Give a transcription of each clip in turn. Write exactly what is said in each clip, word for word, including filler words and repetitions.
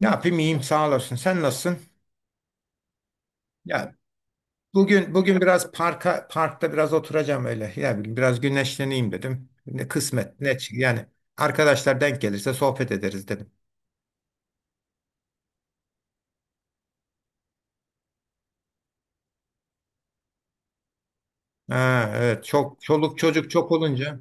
Ne yapayım, iyiyim sağ olasın. Sen nasılsın? Ya, bugün bugün biraz parka parkta biraz oturacağım öyle. Ya bugün biraz güneşleneyim dedim. Ne kısmet ne çı- Yani arkadaşlar denk gelirse sohbet ederiz dedim. Ha evet, çok çoluk çocuk çok olunca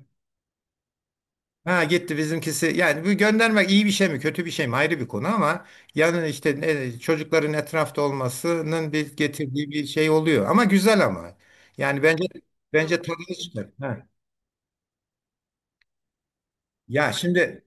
ha gitti bizimkisi. Yani bu göndermek iyi bir şey mi kötü bir şey mi ayrı bir konu ama yani işte ne- çocukların etrafta olmasının bir getirdiği bir şey oluyor. Ama güzel ama. Yani bence bence tadını çıkar. Ha. Ya şimdi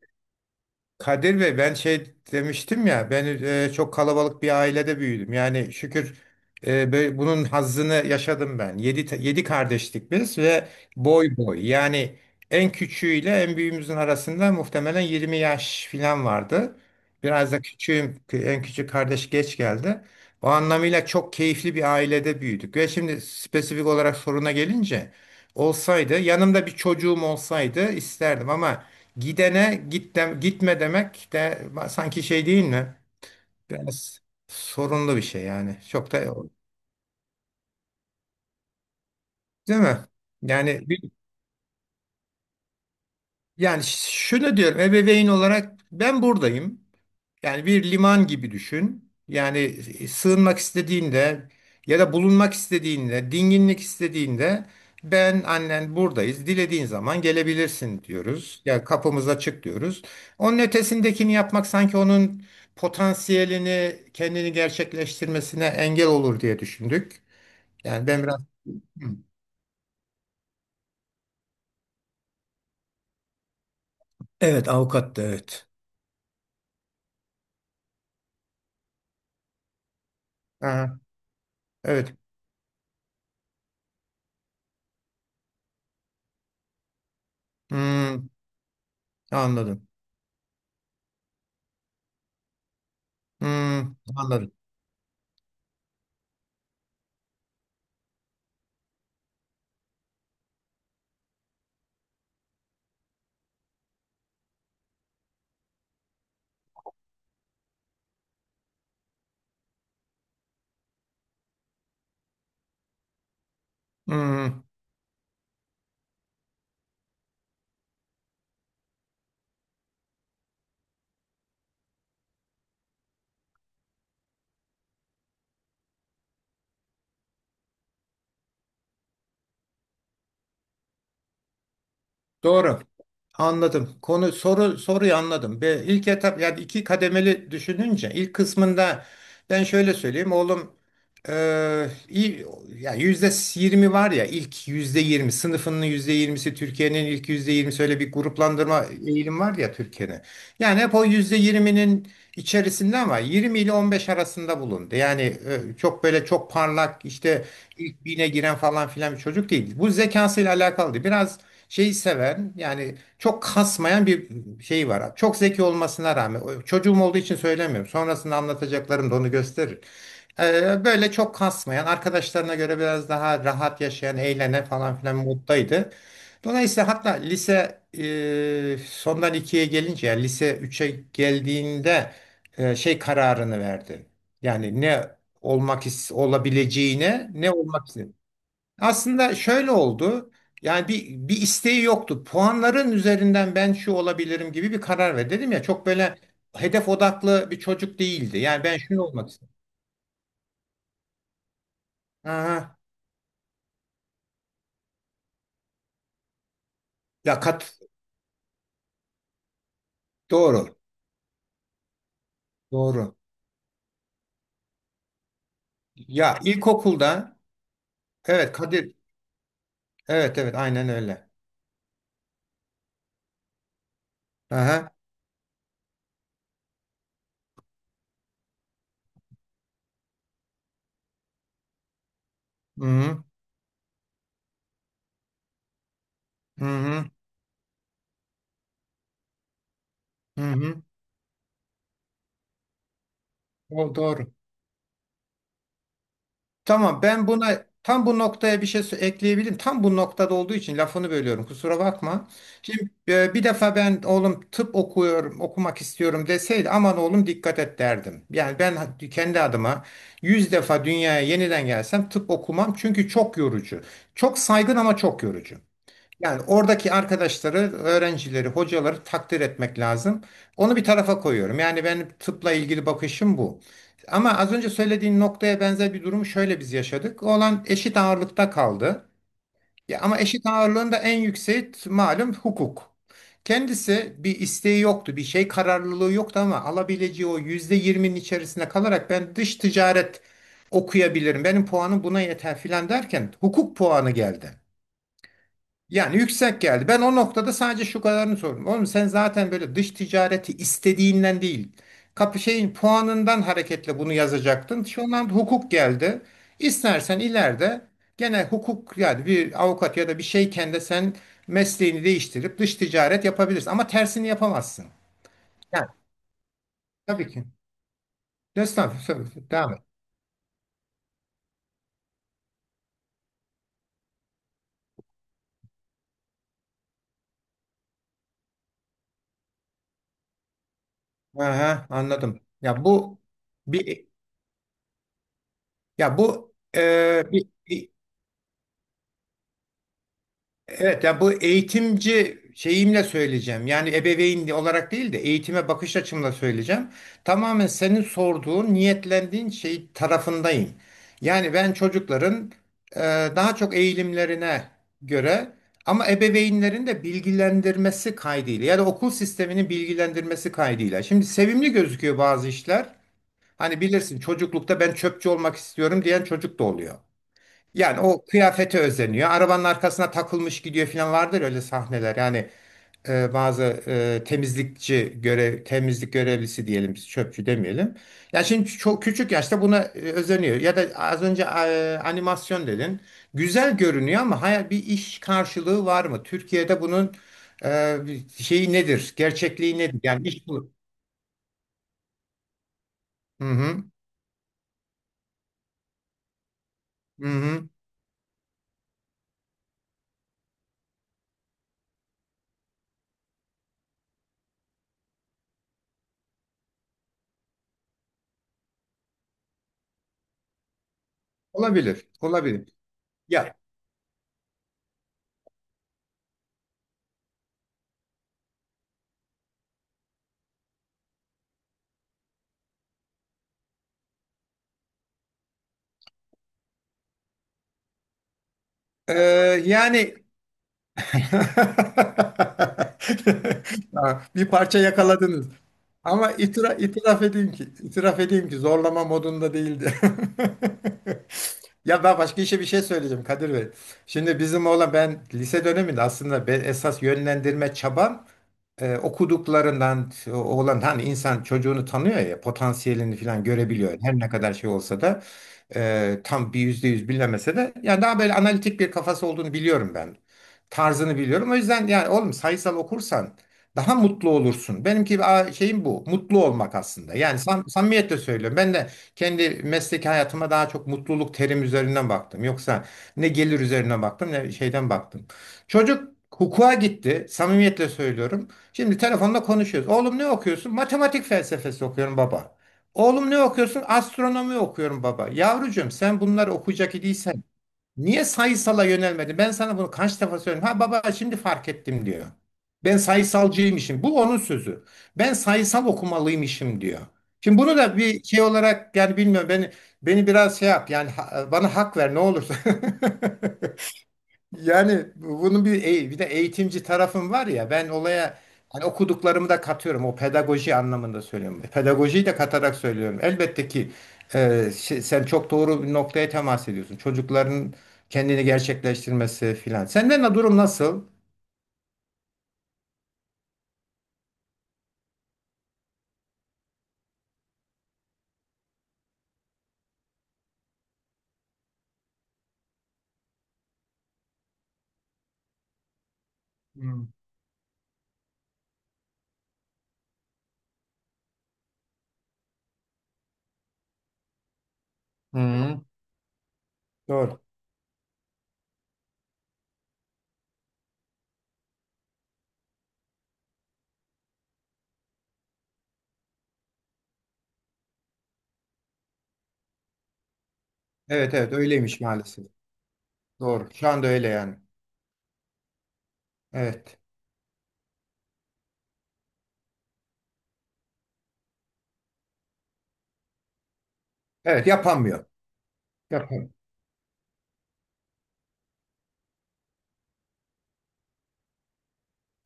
Kadir Bey, ben şey demiştim ya, ben, e, çok kalabalık bir ailede büyüdüm. Yani şükür, e, böyle bunun hazzını yaşadım ben. Yedi, te- yedi kardeştik biz ve boy boy. Yani en küçüğüyle en büyüğümüzün arasında muhtemelen yirmi yaş falan vardı. Biraz da küçüğüm, en küçük kardeş geç geldi. O anlamıyla çok keyifli bir ailede büyüdük. Ve şimdi spesifik olarak soruna gelince, olsaydı yanımda bir çocuğum olsaydı isterdim ama gidene git de- gitme demek de sanki şey değil mi? Biraz sorunlu bir şey yani. Çok da değil mi? Yani Yani ş- şunu diyorum, ebeveyn olarak ben buradayım. Yani bir liman gibi düşün. Yani e, sığınmak istediğinde ya da bulunmak istediğinde, dinginlik istediğinde ben, annen buradayız. Dilediğin zaman gelebilirsin diyoruz. Ya yani kapımız açık diyoruz. Onun ötesindekini yapmak sanki onun potansiyelini, kendini gerçekleştirmesine engel olur diye düşündük. Yani ben biraz. Hı. Evet, avukat da, evet. Aha, evet. Hmm, anladım. Hmm, anladım. Hmm, doğru. Anladım. Konu, soru soruyu anladım. Ve ilk etap, yani iki kademeli düşününce ilk kısmında ben şöyle söyleyeyim, oğlum, eee, iyi ya, yüzde yirmi var ya, ilk yüzde yirmi, sınıfının yüzde yirmisi, Türkiye'nin ilk yüzde yirmisi, öyle bir gruplandırma eğilim var ya Türkiye'de. Yani hep o yüzde yirminin içerisinde ama yirmi ile on beş arasında bulundu. Yani e, çok böyle çok parlak işte ilk bine giren falan filan bir çocuk değil. Bu zekasıyla alakalıydı. Biraz şeyi seven, yani çok kasmayan bir şey var. Çok zeki olmasına rağmen, o- çocuğum olduğu için söylemiyorum. Sonrasında anlatacaklarım da onu gösterir. E, Böyle çok kasmayan, arkadaşlarına göre biraz daha rahat yaşayan, eğlenen falan filan moddaydı. Dolayısıyla hatta lise, e, sondan ikiye gelince, yani lise üçe geldiğinde, e, şey kararını verdi. Yani ne olmak is- olabileceğine, ne olmak istedi. Aslında şöyle oldu. Yani bir, bir isteği yoktu. Puanların üzerinden ben şu olabilirim gibi bir karar verdi. Dedim ya, çok böyle hedef odaklı bir çocuk değildi. Yani ben şunu olmak istedim. Aha. Ya kat doğru. Doğru. Ya ilkokulda, evet Kadir, evet evet aynen öyle. Aha. Hı hı. Hı hı. Hı hı. O doğru. Tamam, ben buna, tam bu noktaya bir şey sö- ekleyebilirim. Tam bu noktada olduğu için lafını bölüyorum, kusura bakma. Şimdi e, bir defa, ben oğlum tıp okuyorum, okumak istiyorum deseydi aman oğlum dikkat et derdim. Yani ben ha- kendi adıma yüz defa dünyaya yeniden gelsem tıp okumam çünkü çok yorucu. Çok saygın ama çok yorucu. Yani oradaki arkadaşları, öğrencileri, hocaları takdir etmek lazım. Onu bir tarafa koyuyorum. Yani benim tıpla ilgili bakışım bu. Ama az önce söylediğin noktaya benzer bir durumu şöyle biz yaşadık. Olan eşit ağırlıkta kaldı. Ya ama eşit ağırlığın da en yükseği t- malum hukuk. Kendisi bir isteği yoktu, bir şey kararlılığı yoktu ama alabileceği o yüzde yirminin içerisinde kalarak ben dış ticaret okuyabilirim, benim puanım buna yeter filan derken hukuk puanı geldi. Yani yüksek geldi. Ben o noktada sadece şu kadarını sordum: oğlum sen zaten böyle dış ticareti istediğinden değil, kapı şeyin puanından hareketle bunu yazacaktın. Şu an hukuk geldi. İstersen ileride gene hukuk, yani bir avukat ya da bir şeyken de sen mesleğini değiştirip dış ticaret yapabilirsin. Ama tersini yapamazsın. Yani tabii ki. Estağfurullah. Estağfurullah. Devam et. Aha, anladım. Ya bu bir ya bu e, bir bir- Evet, yani bu, eğitimci şeyimle söyleyeceğim. Yani ebeveyn olarak değil de eğitime bakış açımla söyleyeceğim. Tamamen senin sorduğun, niyetlendiğin şey tarafındayım. Yani ben çocukların, e, daha çok eğilimlerine göre, ama ebeveynlerin de bilgilendirmesi kaydıyla ya da okul sisteminin bilgilendirmesi kaydıyla. Şimdi sevimli gözüküyor bazı işler. Hani bilirsin, çocuklukta ben çöpçü olmak istiyorum diyen çocuk da oluyor. Yani o kıyafete özeniyor. Arabanın arkasına takılmış gidiyor falan, vardır öyle sahneler. Yani e, bazı e, temizlikçi görev, temizlik görevlisi diyelim, biz çöpçü demeyelim. Ya şimdi çok küçük yaşta buna e, özeniyor. Ya da az önce e, animasyon dedin. Güzel görünüyor ama hayal, bir iş karşılığı var mı Türkiye'de bunun? e, Şeyi nedir? Gerçekliği nedir? Yani iş bu. Hı hı. Hı hı. Olabilir. Olabilir. Ya e, yani Ha, bir parça yakaladınız. Ama itira- itiraf edeyim ki, itiraf edeyim ki zorlama modunda değildi. Ya ben başka işe bir şey söyleyeceğim Kadir Bey. Şimdi bizim oğlan, ben lise döneminde aslında, ben esas yönlendirme çabam, e, okuduklarından, o- oğlan hani insan çocuğunu tanıyor ya, potansiyelini falan görebiliyor her ne kadar şey olsa da. Ee, tam bir yüzde yüz bilemese de yani daha böyle analitik bir kafası olduğunu biliyorum ben. Tarzını biliyorum. O yüzden yani oğlum sayısal okursan daha mutlu olursun. Benimki, a, şeyim bu. Mutlu olmak aslında. Yani sam samimiyetle söylüyorum. Ben de kendi mesleki hayatıma daha çok mutluluk terim üzerinden baktım. Yoksa ne gelir üzerine baktım ne şeyden baktım. Çocuk hukuka gitti. Samimiyetle söylüyorum. Şimdi telefonla konuşuyoruz. Oğlum ne okuyorsun? Matematik felsefesi okuyorum baba. Oğlum ne okuyorsun? Astronomi okuyorum baba. Yavrucuğum, sen bunları okuyacak idiysen niye sayısala yönelmedin? Ben sana bunu kaç defa söyledim. Ha baba, şimdi fark ettim diyor. Ben sayısalcıymışım. Bu onun sözü. Ben sayısal okumalıymışım diyor. Şimdi bunu da bir şey olarak, yani bilmiyorum, beni beni biraz şey yap yani, ha- bana hak ver ne olursa. Yani bunun bir e- bir de eğitimci tarafım var ya, ben olaya hani okuduklarımı da katıyorum, o pedagoji anlamında söylüyorum. E, Pedagojiyi de katarak söylüyorum. Elbette ki, e, şey- sen çok doğru bir noktaya temas ediyorsun. Çocukların kendini gerçekleştirmesi filan. Senden de durum nasıl? Hmm. Hı. Doğru. Evet evet, öyleymiş maalesef. Doğru. Şu anda öyle yani. Evet. Evet yapamıyor. Yapamıyor.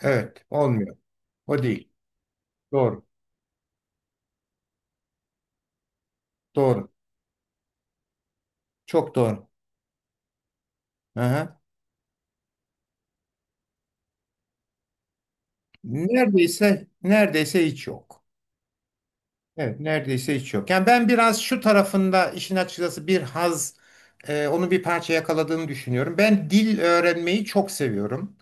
Evet olmuyor. O değil. Doğru. Doğru. Çok doğru. Hı hı. Neredeyse neredeyse hiç yok. Evet, neredeyse hiç yok. Yani ben biraz şu tarafında işin, açıkçası bir haz, e, onu bir parça yakaladığını düşünüyorum. Ben dil öğrenmeyi çok seviyorum.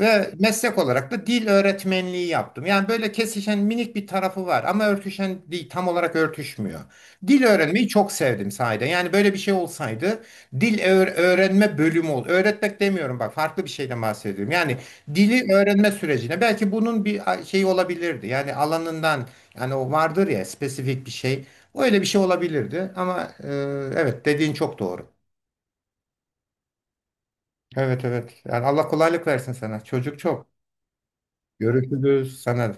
Ve meslek olarak da dil öğretmenliği yaptım. Yani böyle kesişen minik bir tarafı var ama örtüşen değil, tam olarak örtüşmüyor. Dil öğrenmeyi çok sevdim sahiden. Yani böyle bir şey olsaydı, dil öğ- öğrenme bölümü ol. Öğretmek demiyorum bak, farklı bir şeyden bahsediyorum. Yani dili öğrenme sürecine belki bunun bir a- şey olabilirdi. Yani alanından, yani o vardır ya spesifik bir şey. Öyle bir şey olabilirdi ama e, evet dediğin çok doğru. Evet evet. Yani Allah kolaylık versin sana. Çocuk çok. Görüşürüz sana.